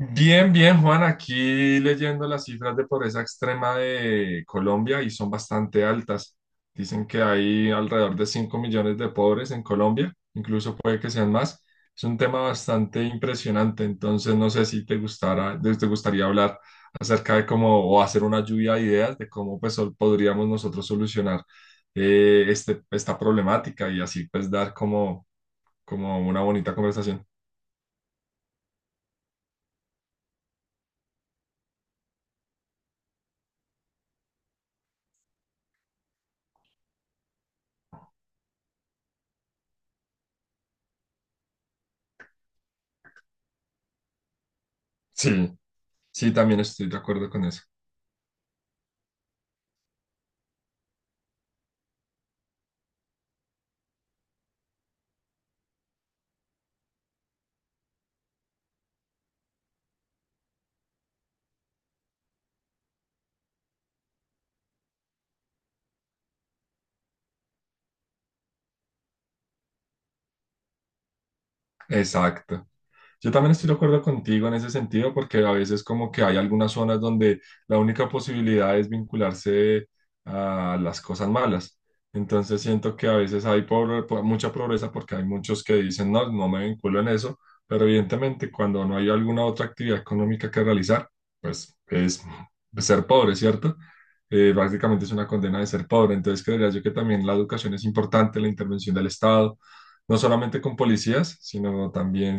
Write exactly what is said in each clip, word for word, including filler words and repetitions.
Bien, bien, Juan, aquí leyendo las cifras de pobreza extrema de Colombia y son bastante altas. Dicen que hay alrededor de cinco millones de pobres en Colombia, incluso puede que sean más. Es un tema bastante impresionante, entonces no sé si te gustara, te te gustaría hablar acerca de cómo o hacer una lluvia de ideas de cómo pues sol- podríamos nosotros solucionar eh, este, esta problemática y así pues dar como, como una bonita conversación. Sí, sí, también estoy de acuerdo con eso. Exacto. Yo también estoy de acuerdo contigo en ese sentido, porque a veces como que hay algunas zonas donde la única posibilidad es vincularse a las cosas malas. Entonces siento que a veces hay pobre- po- mucha pobreza porque hay muchos que dicen, no, no me vinculo en eso, pero evidentemente cuando no hay alguna otra actividad económica que realizar, pues es ser pobre, ¿cierto? Eh, prácticamente es una condena de ser pobre. Entonces creería yo que también la educación es importante, la intervención del Estado no solamente con policías, sino también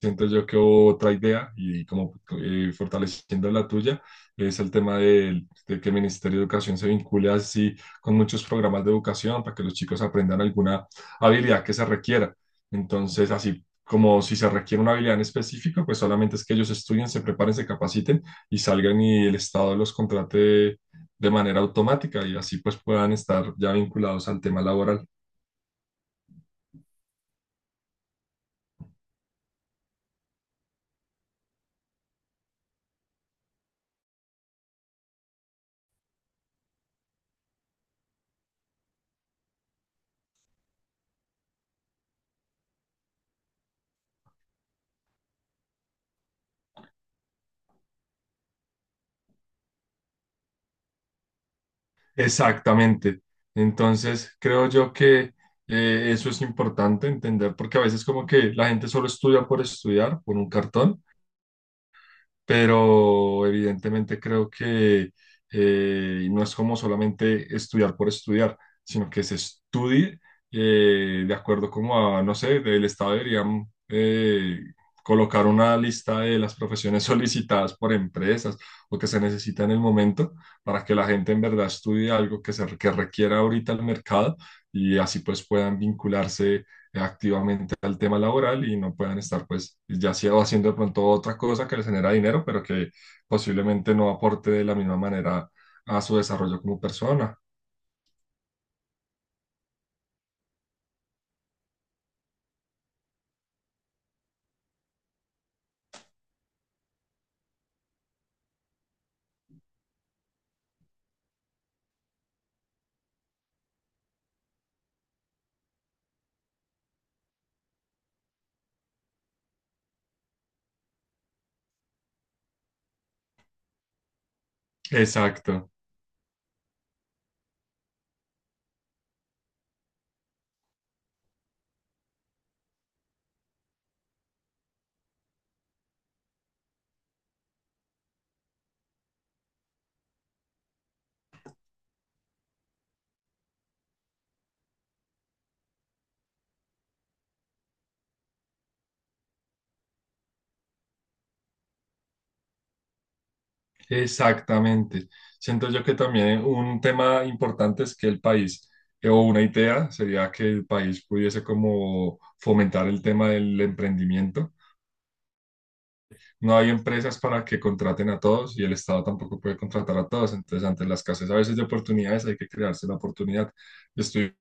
siento yo que otra idea y como eh, fortaleciendo la tuya es el tema del- de, que el Ministerio de Educación se vincule así con muchos programas de educación para que los chicos aprendan alguna habilidad que se requiera. Entonces, así como si se requiere una habilidad en específico, pues solamente es que ellos estudien, se preparen, se capaciten y salgan y el Estado los contrate de manera automática y así pues puedan estar ya vinculados al tema laboral. Exactamente. Entonces, creo yo que eh, eso es importante entender, porque a veces como que la gente solo estudia por estudiar, por un cartón, pero evidentemente creo que eh, no es como solamente estudiar por estudiar, sino que se estudie eh, de acuerdo como a, no sé, del Estado deberían eh, colocar una lista de las profesiones solicitadas por empresas o que se necesita en el momento para que la gente en verdad estudie algo que se que requiera ahorita el mercado y así pues puedan vincularse activamente al tema laboral y no puedan estar pues ya sea haciendo de pronto otra cosa que les genera dinero, pero que posiblemente no aporte de la misma manera a su desarrollo como persona. Exacto, exactamente. Siento yo que también un tema importante es que el país, eh, o una idea sería que el país pudiese como fomentar el tema del emprendimiento no hay empresas para que contraten a todos y el Estado tampoco puede contratar a todos. Entonces, ante la escasez a veces de oportunidades, hay que crearse la oportunidad. Estoy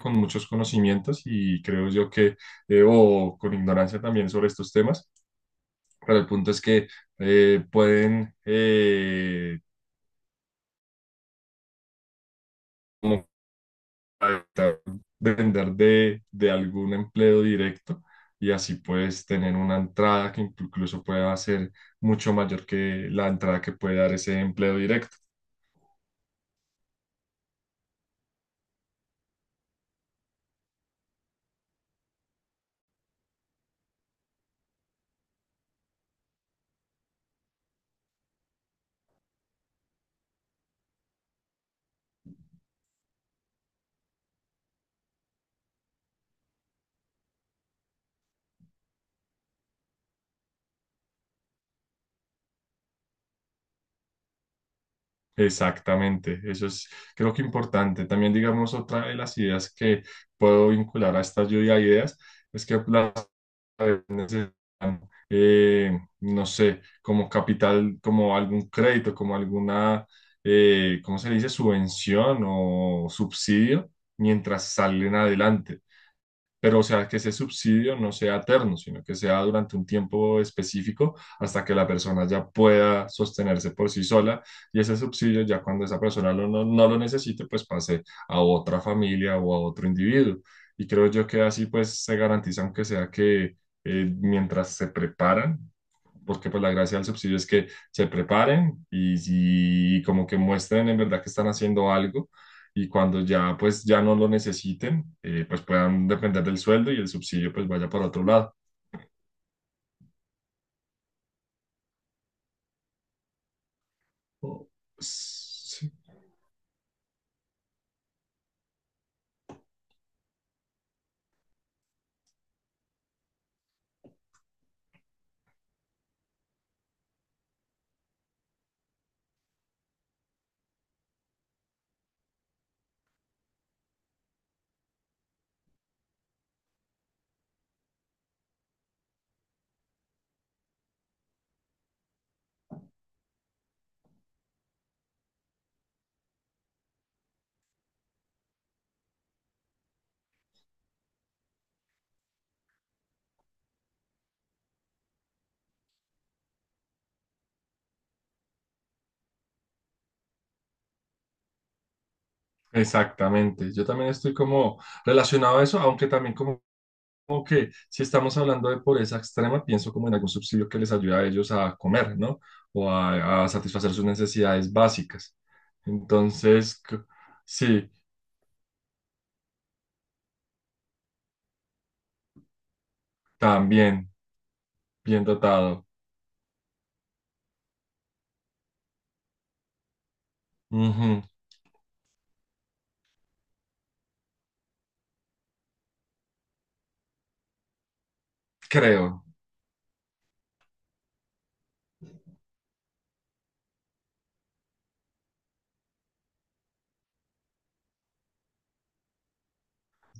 con muchos conocimientos y creo yo que, eh, o con ignorancia también sobre estos temas, pero el punto es que eh, pueden eh, como evitar depender de, de algún empleo directo y así puedes tener una entrada que incluso pueda ser mucho mayor que la entrada que puede dar ese empleo directo. Exactamente, eso es creo que importante. También digamos otra de las ideas que puedo vincular a esta lluvia de ideas es que las ciudades necesitan, eh, no sé, como capital, como algún crédito, como alguna, eh, ¿cómo se le dice? Subvención o subsidio mientras salen adelante pero o sea, que ese subsidio no sea eterno, sino que sea durante un tiempo específico hasta que la persona ya pueda sostenerse por sí sola y ese subsidio ya cuando esa persona lo- no, no lo necesite, pues pase a otra familia o a otro individuo. Y creo yo que así pues se garantiza, aunque sea que eh, mientras se preparan, porque pues la gracia del subsidio es que se preparen y, y como que muestren en verdad que están haciendo algo y cuando ya pues ya no lo necesiten, eh, pues puedan depender del sueldo y el subsidio pues vaya para otro lado. O- sí, exactamente. Yo también estoy como relacionado a eso, aunque también como, como que si estamos hablando de pobreza extrema, pienso como en algún subsidio que les ayude a ellos a comer, ¿no? O a, a satisfacer sus necesidades básicas. Entonces, c- sí, también bien dotado. Ujú, creo.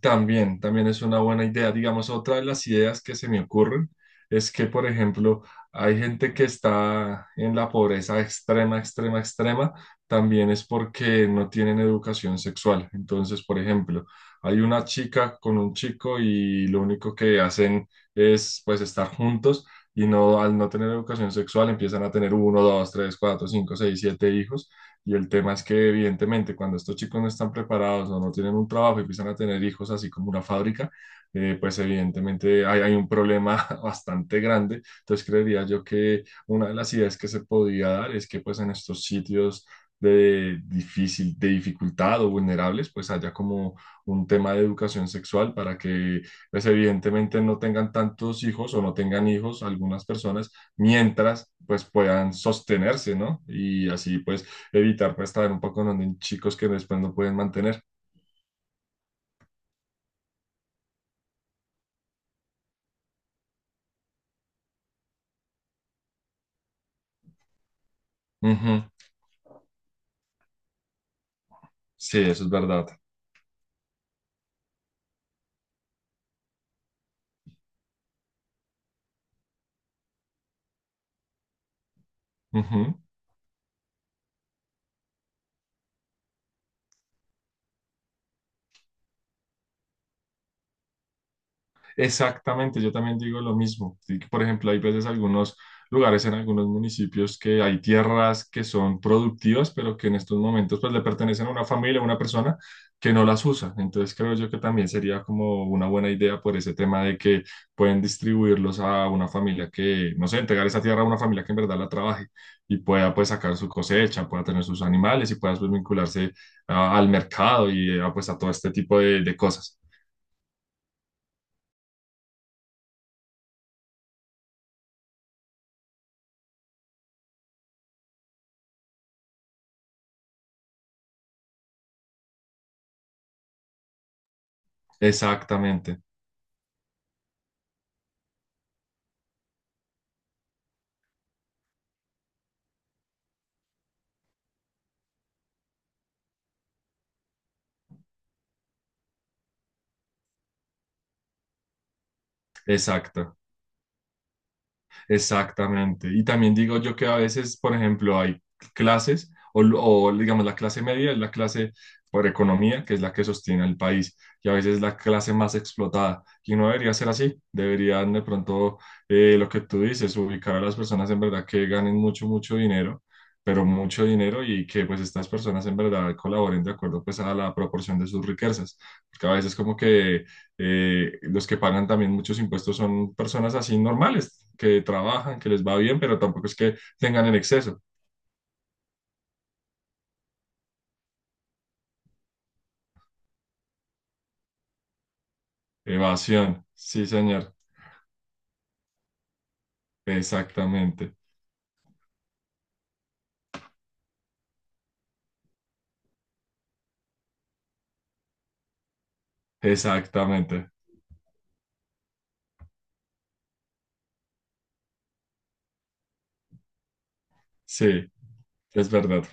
También, también es una buena idea. Digamos, otra de las ideas que se me ocurren es que, por ejemplo, hay gente que está en la pobreza extrema, extrema, extrema, también es porque no tienen educación sexual. Entonces, por ejemplo, hay una chica con un chico y lo único que hacen es, pues, estar juntos y no, al no tener educación sexual empiezan a tener uno, dos, tres, cuatro, cinco, seis, siete hijos y el tema es que evidentemente cuando estos chicos no están preparados o no tienen un trabajo y empiezan a tener hijos así como una fábrica, eh, pues evidentemente hay, hay un problema bastante grande. Entonces creería yo que una de las ideas que se podría dar es que pues en estos sitios de difícil, de dificultad o vulnerables, pues haya como un tema de educación sexual para que pues evidentemente no tengan tantos hijos o no tengan hijos algunas personas mientras pues puedan sostenerse, ¿no? Y así pues evitar pues estar un poco en donde chicos que después no pueden mantener. Ujú, sí, eso es verdad. Ujú. Exactamente, yo también digo lo mismo. Sí, que, por ejemplo, hay veces algunos lugares en algunos municipios que hay tierras que son productivas, pero que en estos momentos pues le pertenecen a una familia, a una persona que no las usa. Entonces creo yo que también sería como una buena idea por ese tema de que pueden distribuirlos a una familia que, no sé, entregar esa tierra a una familia que en verdad la trabaje y pueda pues sacar su cosecha, pueda tener sus animales y pueda pues vincularse a- al mercado y a, pues a todo este tipo de de cosas. Exactamente. Exacto, exactamente. Y también digo yo que a veces, por ejemplo, hay clases, o, o, digamos la clase media es la clase por economía, que es la que sostiene el país, y a veces es la clase más explotada. Y no debería ser así. Deberían de pronto, eh, lo que tú dices, ubicar a las personas en verdad que ganen mucho, mucho dinero, pero mucho dinero y que pues estas personas en verdad colaboren de acuerdo pues a la proporción de sus riquezas. Porque a veces como que eh, los que pagan también muchos impuestos son personas así normales, que trabajan, que les va bien, pero tampoco es que tengan en exceso. Evasión, sí, señor. Exactamente, exactamente. Sí, es verdad.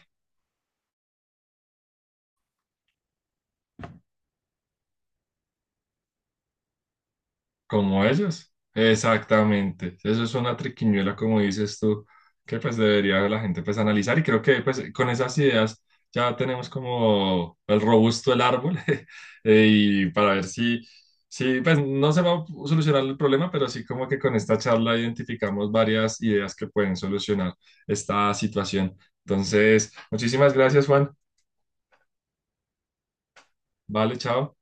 Como ellos. Exactamente. Eso es una triquiñuela, como dices tú, que pues debería la gente pues analizar y creo que pues con esas ideas ya tenemos como el robusto el árbol eh, y para ver si, si pues no se va a solucionar el problema, pero sí como que con esta charla identificamos varias ideas que pueden solucionar esta situación. Entonces, muchísimas gracias, Juan. Vale, chao.